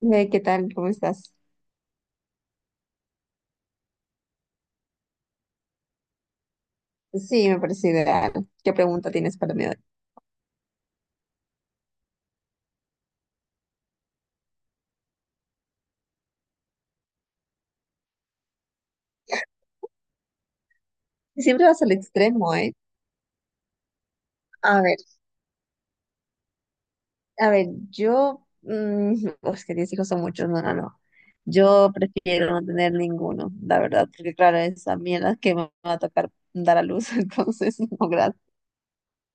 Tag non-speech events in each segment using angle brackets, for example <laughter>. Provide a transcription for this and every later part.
Hey, ¿qué tal? ¿Cómo estás? Sí, me parece ideal. ¿Qué pregunta tienes para mí hoy? Siempre vas al extremo, ¿eh? A ver, a ver, oh, es que 10 hijos son muchos, no, no, no. Yo prefiero no tener ninguno, la verdad, porque claro, es a mí la que me va a tocar dar a luz, <laughs> entonces no, gracias.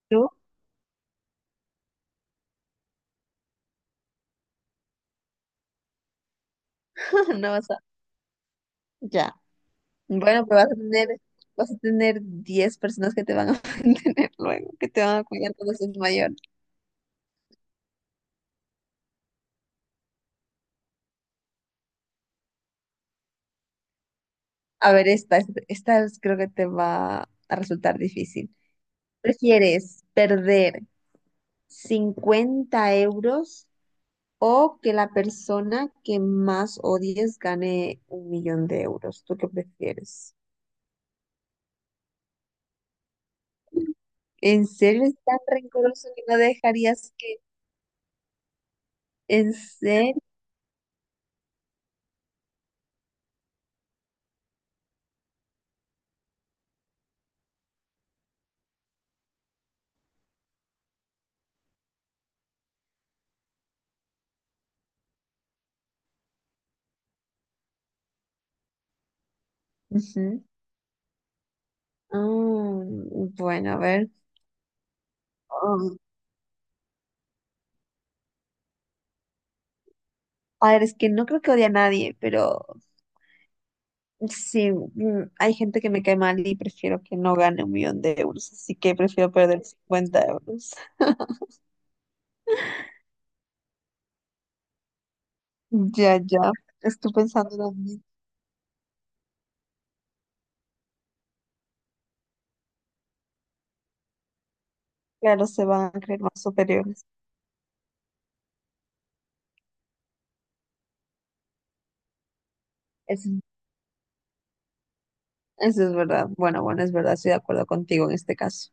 ¿Tú? <laughs> No vas a... Ya. Bueno, pero vas a tener 10 personas que te van a <laughs> mantener luego, que te van a cuidar cuando seas mayor. A ver, creo que te va a resultar difícil. ¿Prefieres perder 50 € o que la persona que más odies gane 1 millón de euros? ¿Tú qué prefieres? ¿En serio es tan rencoroso que no dejarías que... ¿En serio? Ujú. Ah, bueno, a ver. Ah, a ver, es que no creo que odie a nadie, pero sí, hay gente que me cae mal y prefiero que no gane 1 millón de euros, así que prefiero perder cincuenta euros. Ya, ya, estoy pensando lo mismo. Claro, se van a creer más superiores. Eso, eso es verdad. Bueno, bueno, es verdad, estoy de acuerdo contigo en este caso.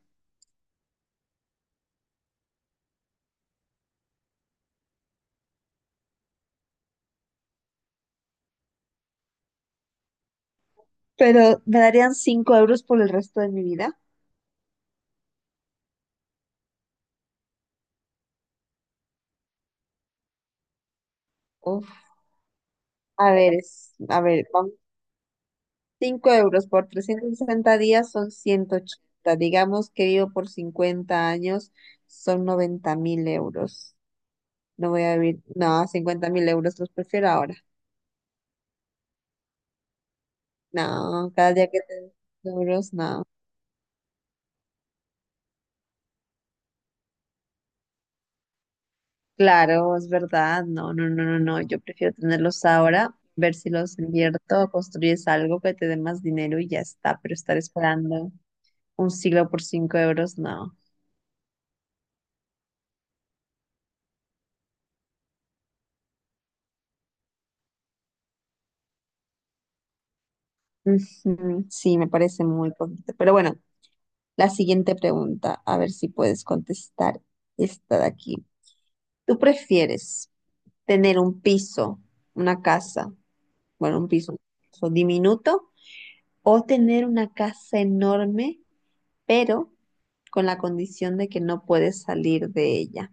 Pero me darían 5 € por el resto de mi vida. Uf, a ver, a ver, vamos. 5 € por 360 días son 180. Digamos que vivo por 50 años, son 90 mil euros. No voy a vivir, no, 50.000 € los prefiero ahora. No, cada día que tengo euros, no. Claro, es verdad, no, no, no, no, no, yo prefiero tenerlos ahora, ver si los invierto o construyes algo que te dé más dinero y ya está, pero estar esperando un siglo por cinco euros, no. Ujú, sí, me parece muy poquito. Pero bueno, la siguiente pregunta, a ver si puedes contestar esta de aquí. ¿Tú prefieres tener un piso, una casa? Bueno, un piso diminuto, o tener una casa enorme, pero con la condición de que no puedes salir de ella.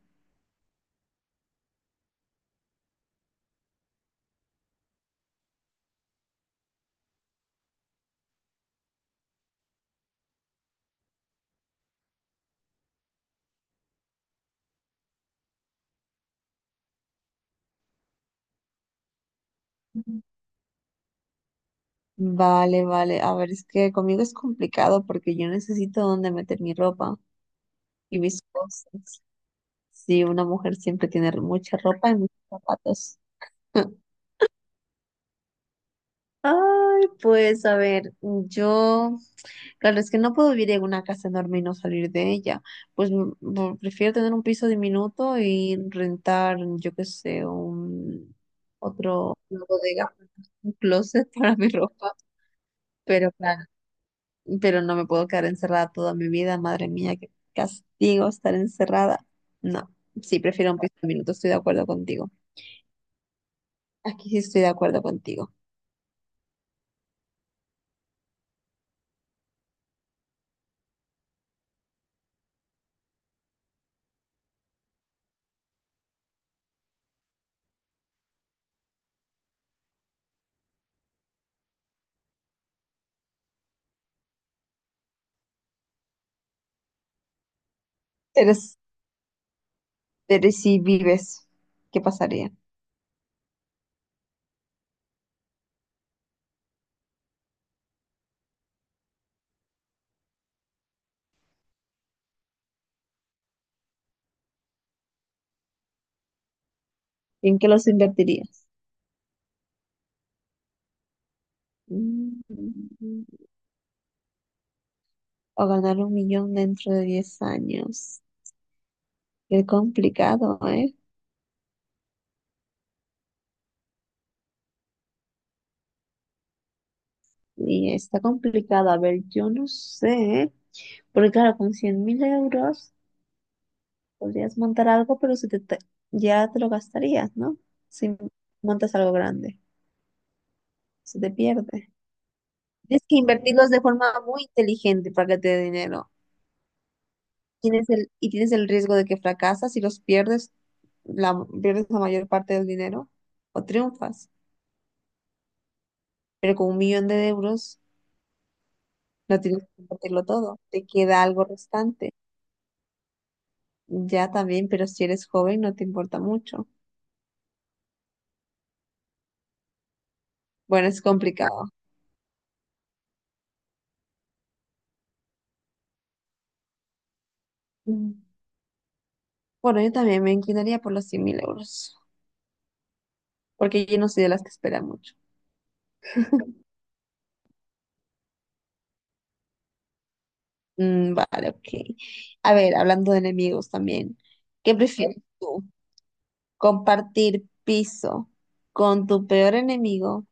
Vale, vale. A ver, es que conmigo es complicado porque yo necesito dónde meter mi ropa y mis cosas. Sí, una mujer siempre tiene mucha ropa y muchos zapatos. <laughs> Ay, pues a ver, yo... Claro, es que no puedo vivir en una casa enorme y no salir de ella. Pues prefiero tener un piso diminuto y rentar, yo qué sé, un otro, una bodega, un closet <laughs> para mi ropa. Pero claro, pero no me puedo quedar encerrada toda mi vida, madre mía, qué castigo estar encerrada. No, sí, prefiero un piso diminuto, estoy de acuerdo contigo. Aquí sí estoy de acuerdo contigo. Eres, eres si vives, ¿qué pasaría? ¿En qué los invertirías? Mm. O ganar 1 millón dentro de 10 años. Qué complicado, ¿eh? Y está complicado. A ver, yo no sé, porque claro, con 100.000 € podrías montar algo, pero se te, ya te lo gastarías, ¿no? Si montas algo grande, se te pierde. Tienes que invertirlos de forma muy inteligente para que te dé dinero. Tienes el, y tienes el riesgo de que fracasas y los pierdes, pierdes la mayor parte del dinero o triunfas. Pero con 1 millón de euros, no tienes que compartirlo todo, te queda algo restante. Ya también, pero si eres joven no te importa mucho. Bueno, es complicado. Mm. Bueno, yo también me inclinaría por los 100 mil euros, porque yo no soy de las que espera mucho. Vale, ok. A ver, hablando de enemigos también, ¿qué prefieres tú? ¿Compartir piso con tu peor enemigo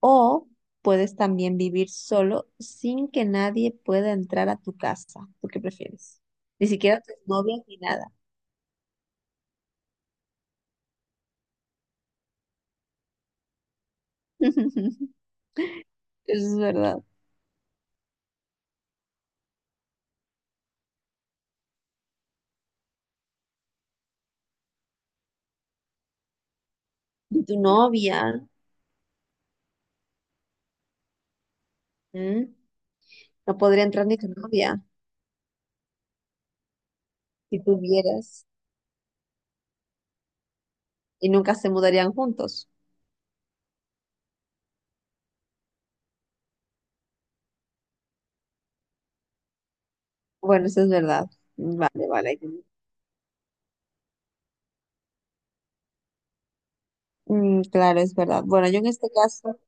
o puedes también vivir solo sin que nadie pueda entrar a tu casa? ¿Tú qué prefieres? Ni siquiera tus novias ni nada. <laughs> Eso es verdad. Y tu novia, ¿m? No podría entrar ni tu novia si tuvieras y nunca se mudarían juntos. Bueno, eso es verdad. Vale, vale. Claro, es verdad. Bueno, yo en este caso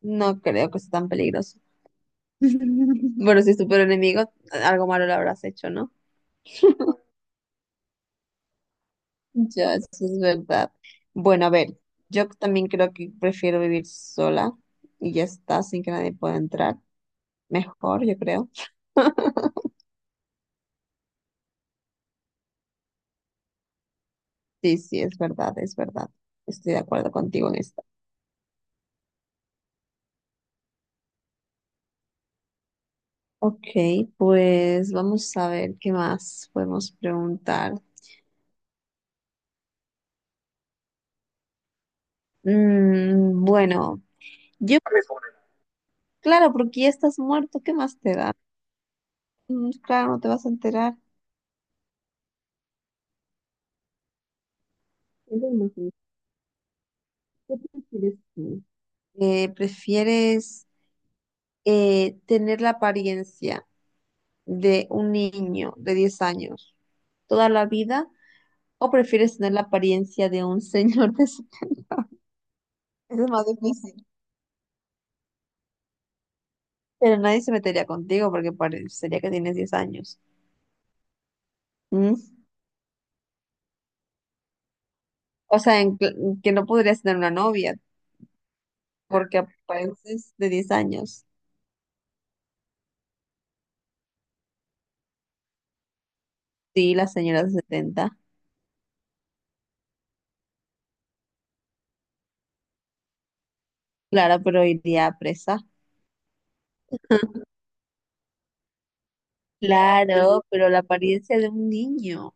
no creo que sea tan peligroso. <laughs> Bueno, si es tu peor enemigo, algo malo le habrás hecho, ¿no? Ya, eso es verdad. Bueno, a ver, yo también creo que prefiero vivir sola y ya está, sin que nadie pueda entrar. Mejor, yo creo. Sí, sí, es verdad, es verdad. Estoy de acuerdo contigo en esto. Ok, pues vamos a ver qué más podemos preguntar. Bueno, yo, claro, porque ya estás muerto, ¿qué más te da? Claro, no te vas a enterar. Es lo más triste. ¿Qué prefieres tú? ¿Prefieres tener la apariencia de un niño de 10 años toda la vida o prefieres tener la apariencia de un señor de... <laughs> Eso es más difícil. Pero nadie se metería contigo porque parecería que tienes 10 años. Mm, O sea, que no podrías tener una novia porque apareces de 10 años. Sí, la señora de 70. Claro, pero iría a presa. Claro, pero la apariencia de un niño.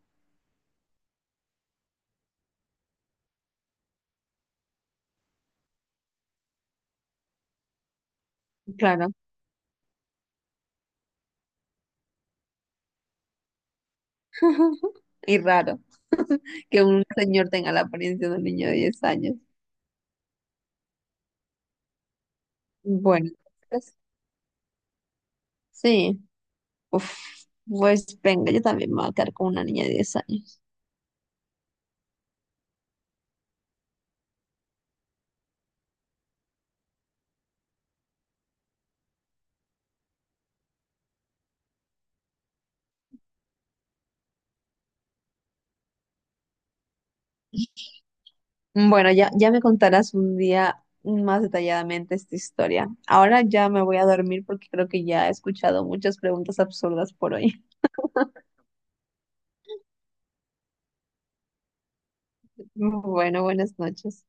Claro. <laughs> Y raro <laughs> que un señor tenga la apariencia de un niño de 10 años. Bueno, pues, sí. Uf, pues venga, yo también me voy a quedar con una niña de 10 años. Bueno, ya, ya me contarás un día más detalladamente esta historia. Ahora ya me voy a dormir porque creo que ya he escuchado muchas preguntas absurdas por hoy. <laughs> Bueno, buenas noches.